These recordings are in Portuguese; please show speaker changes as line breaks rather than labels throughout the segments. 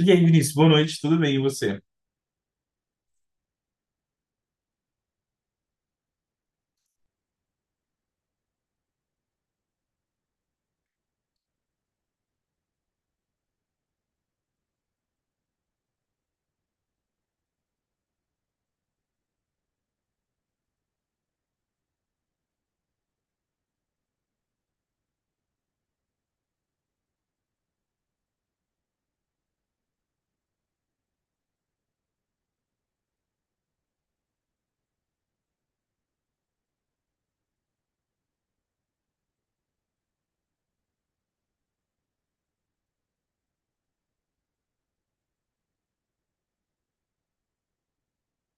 E aí, Vinícius, boa noite, tudo bem? E você?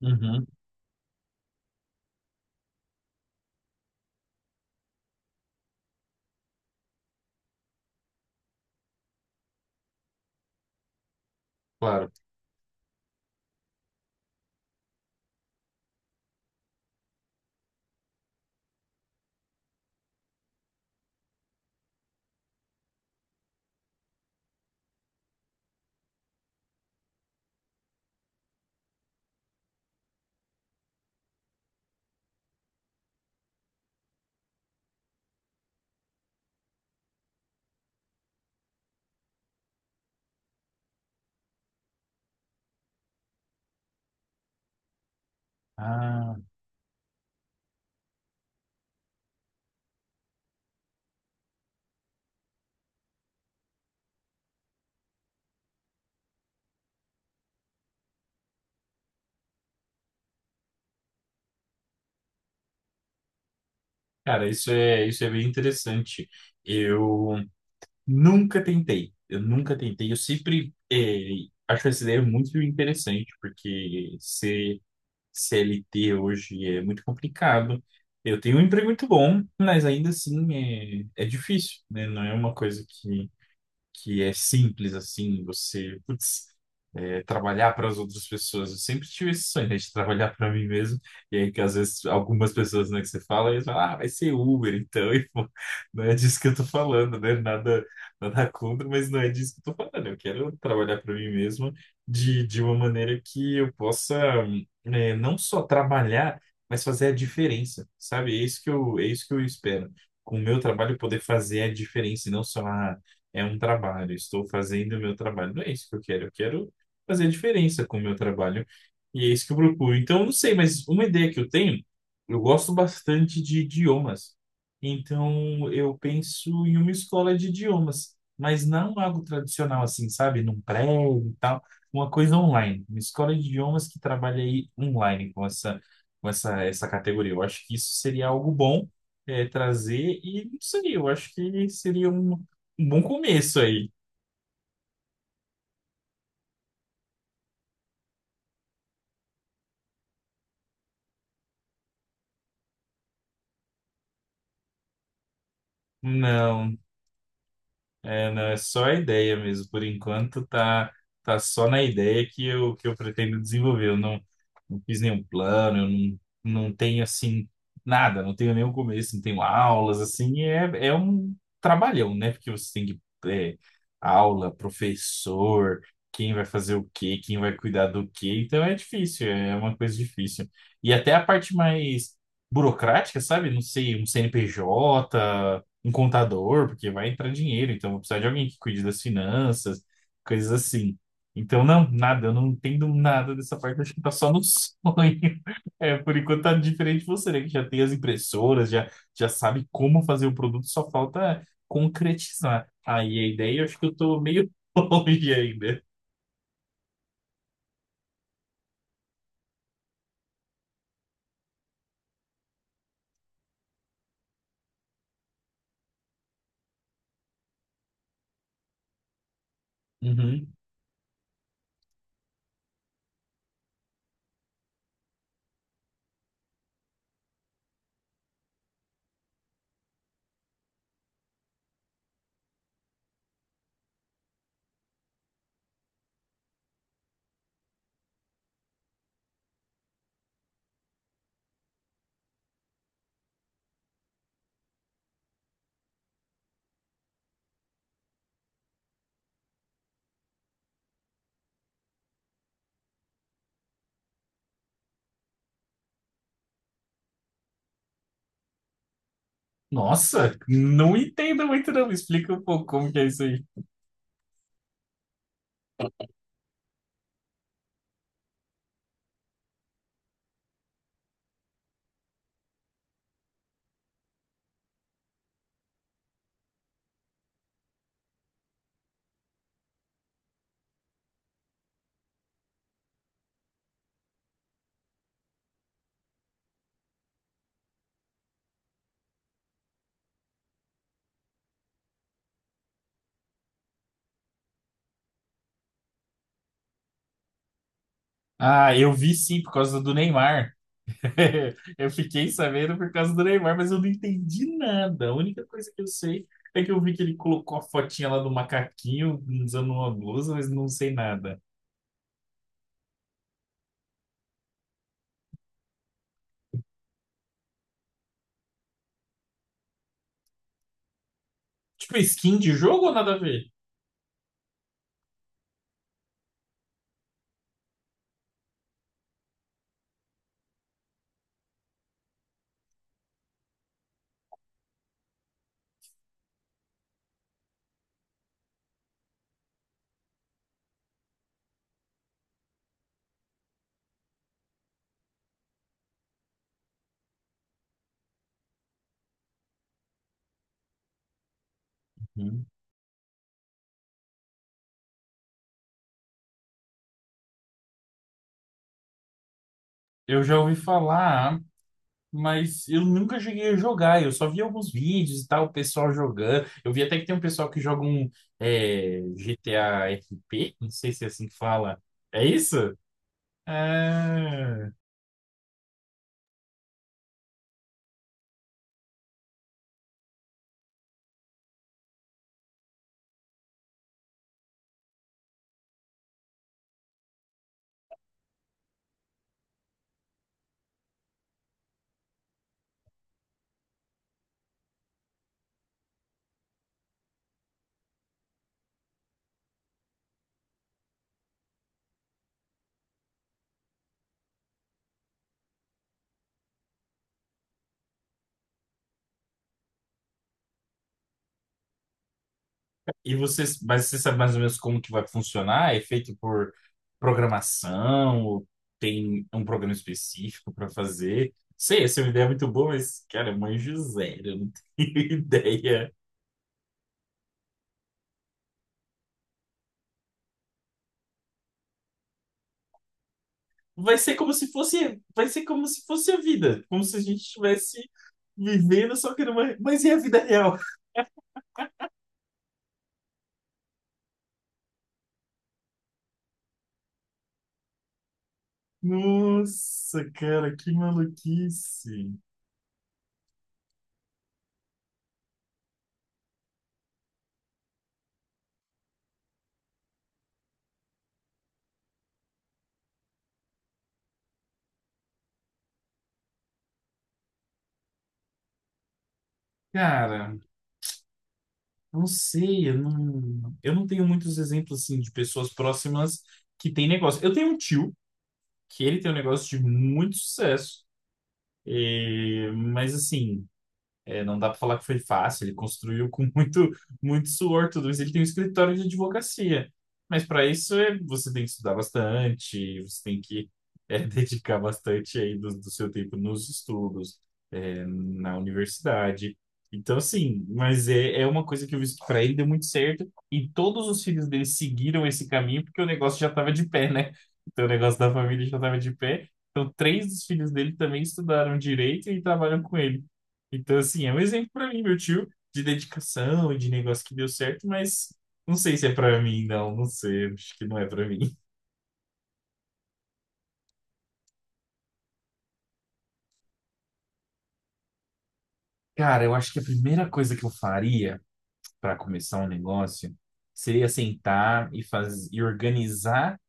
Uhum, claro. Ah, Cara, isso é bem interessante. Eu eu nunca tentei. Eu sempre acho essa ideia muito interessante, porque ser CLT hoje é muito complicado. Eu tenho um emprego muito bom, mas ainda assim é difícil, né? Não é uma coisa que é simples assim, você, putz, trabalhar para as outras pessoas. Eu sempre tive esse sonho, né, de trabalhar para mim mesmo. E aí que às vezes algumas pessoas, né, que você fala, eles falam, ah, vai ser Uber, então, e pô, não é disso que eu tô falando, né? Nada contra, mas não é disso que eu tô falando. Eu quero trabalhar para mim mesmo de uma maneira que eu possa, né, não só trabalhar, mas fazer a diferença, sabe? É isso que eu espero. Com o meu trabalho, poder fazer a diferença, e não só, ah, é um trabalho, estou fazendo o meu trabalho. Não é isso que eu quero fazer a diferença com o meu trabalho. E é isso que eu procuro. Então, eu não sei, mas uma ideia que eu tenho, eu gosto bastante de idiomas. Então, eu penso em uma escola de idiomas, mas não algo tradicional assim, sabe? Num prédio e tal, uma coisa online. Uma escola de idiomas que trabalha aí online com essa, essa categoria. Eu acho que isso seria algo bom trazer e não sei, eu acho que seria um bom começo aí. Não, não, é só a ideia mesmo. Por enquanto, tá só na ideia que eu pretendo desenvolver. Eu não, não fiz nenhum plano, eu não, não tenho assim nada, não tenho nenhum começo, não tenho aulas, assim, é um trabalhão, né? Porque você tem que é, aula, professor, quem vai fazer o quê, quem vai cuidar do quê. Então é difícil, é uma coisa difícil. E até a parte mais burocrática, sabe? Não sei, um CNPJ, um contador, porque vai entrar dinheiro, então eu vou precisar de alguém que cuide das finanças, coisas assim. Então, não, nada, eu não entendo nada dessa parte, acho que tá só no sonho. É, por enquanto tá diferente de você, né? Que já tem as impressoras, já sabe como fazer o produto, só falta concretizar. Aí a ideia, eu acho que eu tô meio longe ainda. Uhum. Nossa, não entendo muito não, me explica um pouco como que é isso aí. Ah, eu vi sim, por causa do Neymar. Eu fiquei sabendo por causa do Neymar, mas eu não entendi nada. A única coisa que eu sei é que eu vi que ele colocou a fotinha lá do macaquinho usando uma blusa, mas não sei nada. Tipo, skin de jogo ou nada a ver? Uhum. Eu já ouvi falar, mas eu nunca cheguei a jogar. Eu só vi alguns vídeos e tal, o pessoal jogando. Eu vi até que tem um pessoal que joga um GTA RP, não sei se é assim que fala. É isso? Ah. E você, mas você sabe mais ou menos como que vai funcionar? É feito por programação? Ou tem um programa específico para fazer? Sei, essa é uma ideia muito boa, mas, cara, manjo zero, eu não tenho ideia. Vai ser como se fosse a vida, como se a gente estivesse vivendo só que numa, mas e a vida real? Nossa, cara, que maluquice. Cara, não sei, eu não tenho muitos exemplos assim de pessoas próximas que têm negócio. Eu tenho um tio que ele tem um negócio de muito sucesso, mas assim. É, não dá para falar que foi fácil, ele construiu com muito suor tudo isso. Ele tem um escritório de advocacia, mas para isso é, você tem que estudar bastante, você tem que dedicar bastante aí do seu tempo nos estudos, é, na universidade. Então, assim, mas é uma coisa que eu vi que para ele deu muito certo e todos os filhos dele seguiram esse caminho porque o negócio já estava de pé, né? Então, o negócio da família já estava de pé. Então, três dos filhos dele também estudaram direito e trabalham com ele. Então, assim, é um exemplo pra mim, meu tio, de dedicação e de negócio que deu certo, mas não sei se é pra mim, não sei, acho que não é pra mim. Cara, eu acho que a primeira coisa que eu faria para começar um negócio seria sentar e fazer e organizar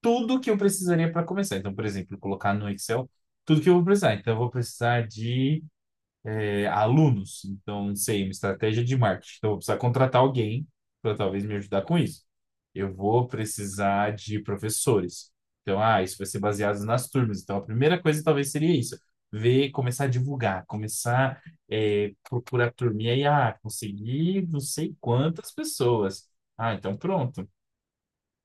tudo que eu precisaria para começar. Então, por exemplo, colocar no Excel tudo que eu vou precisar. Então, eu vou precisar de alunos. Então, não sei, uma estratégia de marketing. Então, eu vou precisar contratar alguém para talvez me ajudar com isso. Eu vou precisar de professores. Então, ah, isso vai ser baseado nas turmas. Então, a primeira coisa talvez seria isso. Ver, começar a divulgar, começar procurar turma. E aí, ah, consegui não sei quantas pessoas. Ah, então pronto.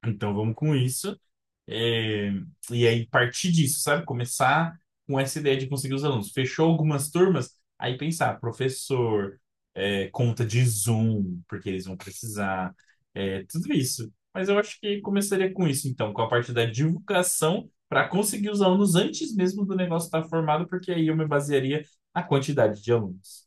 Então vamos com isso. É, e aí partir disso, sabe? Começar com essa ideia de conseguir os alunos. Fechou algumas turmas, aí pensar, professor, é, conta de Zoom, porque eles vão precisar, é, tudo isso. Mas eu acho que começaria com isso, então, com a parte da divulgação, para conseguir os alunos antes mesmo do negócio estar formado, porque aí eu me basearia na quantidade de alunos.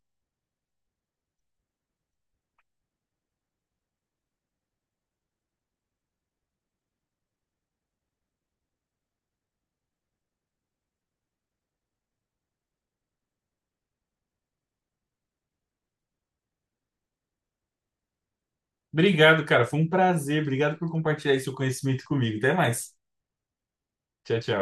Obrigado, cara. Foi um prazer. Obrigado por compartilhar esse seu conhecimento comigo. Até mais. Tchau, tchau.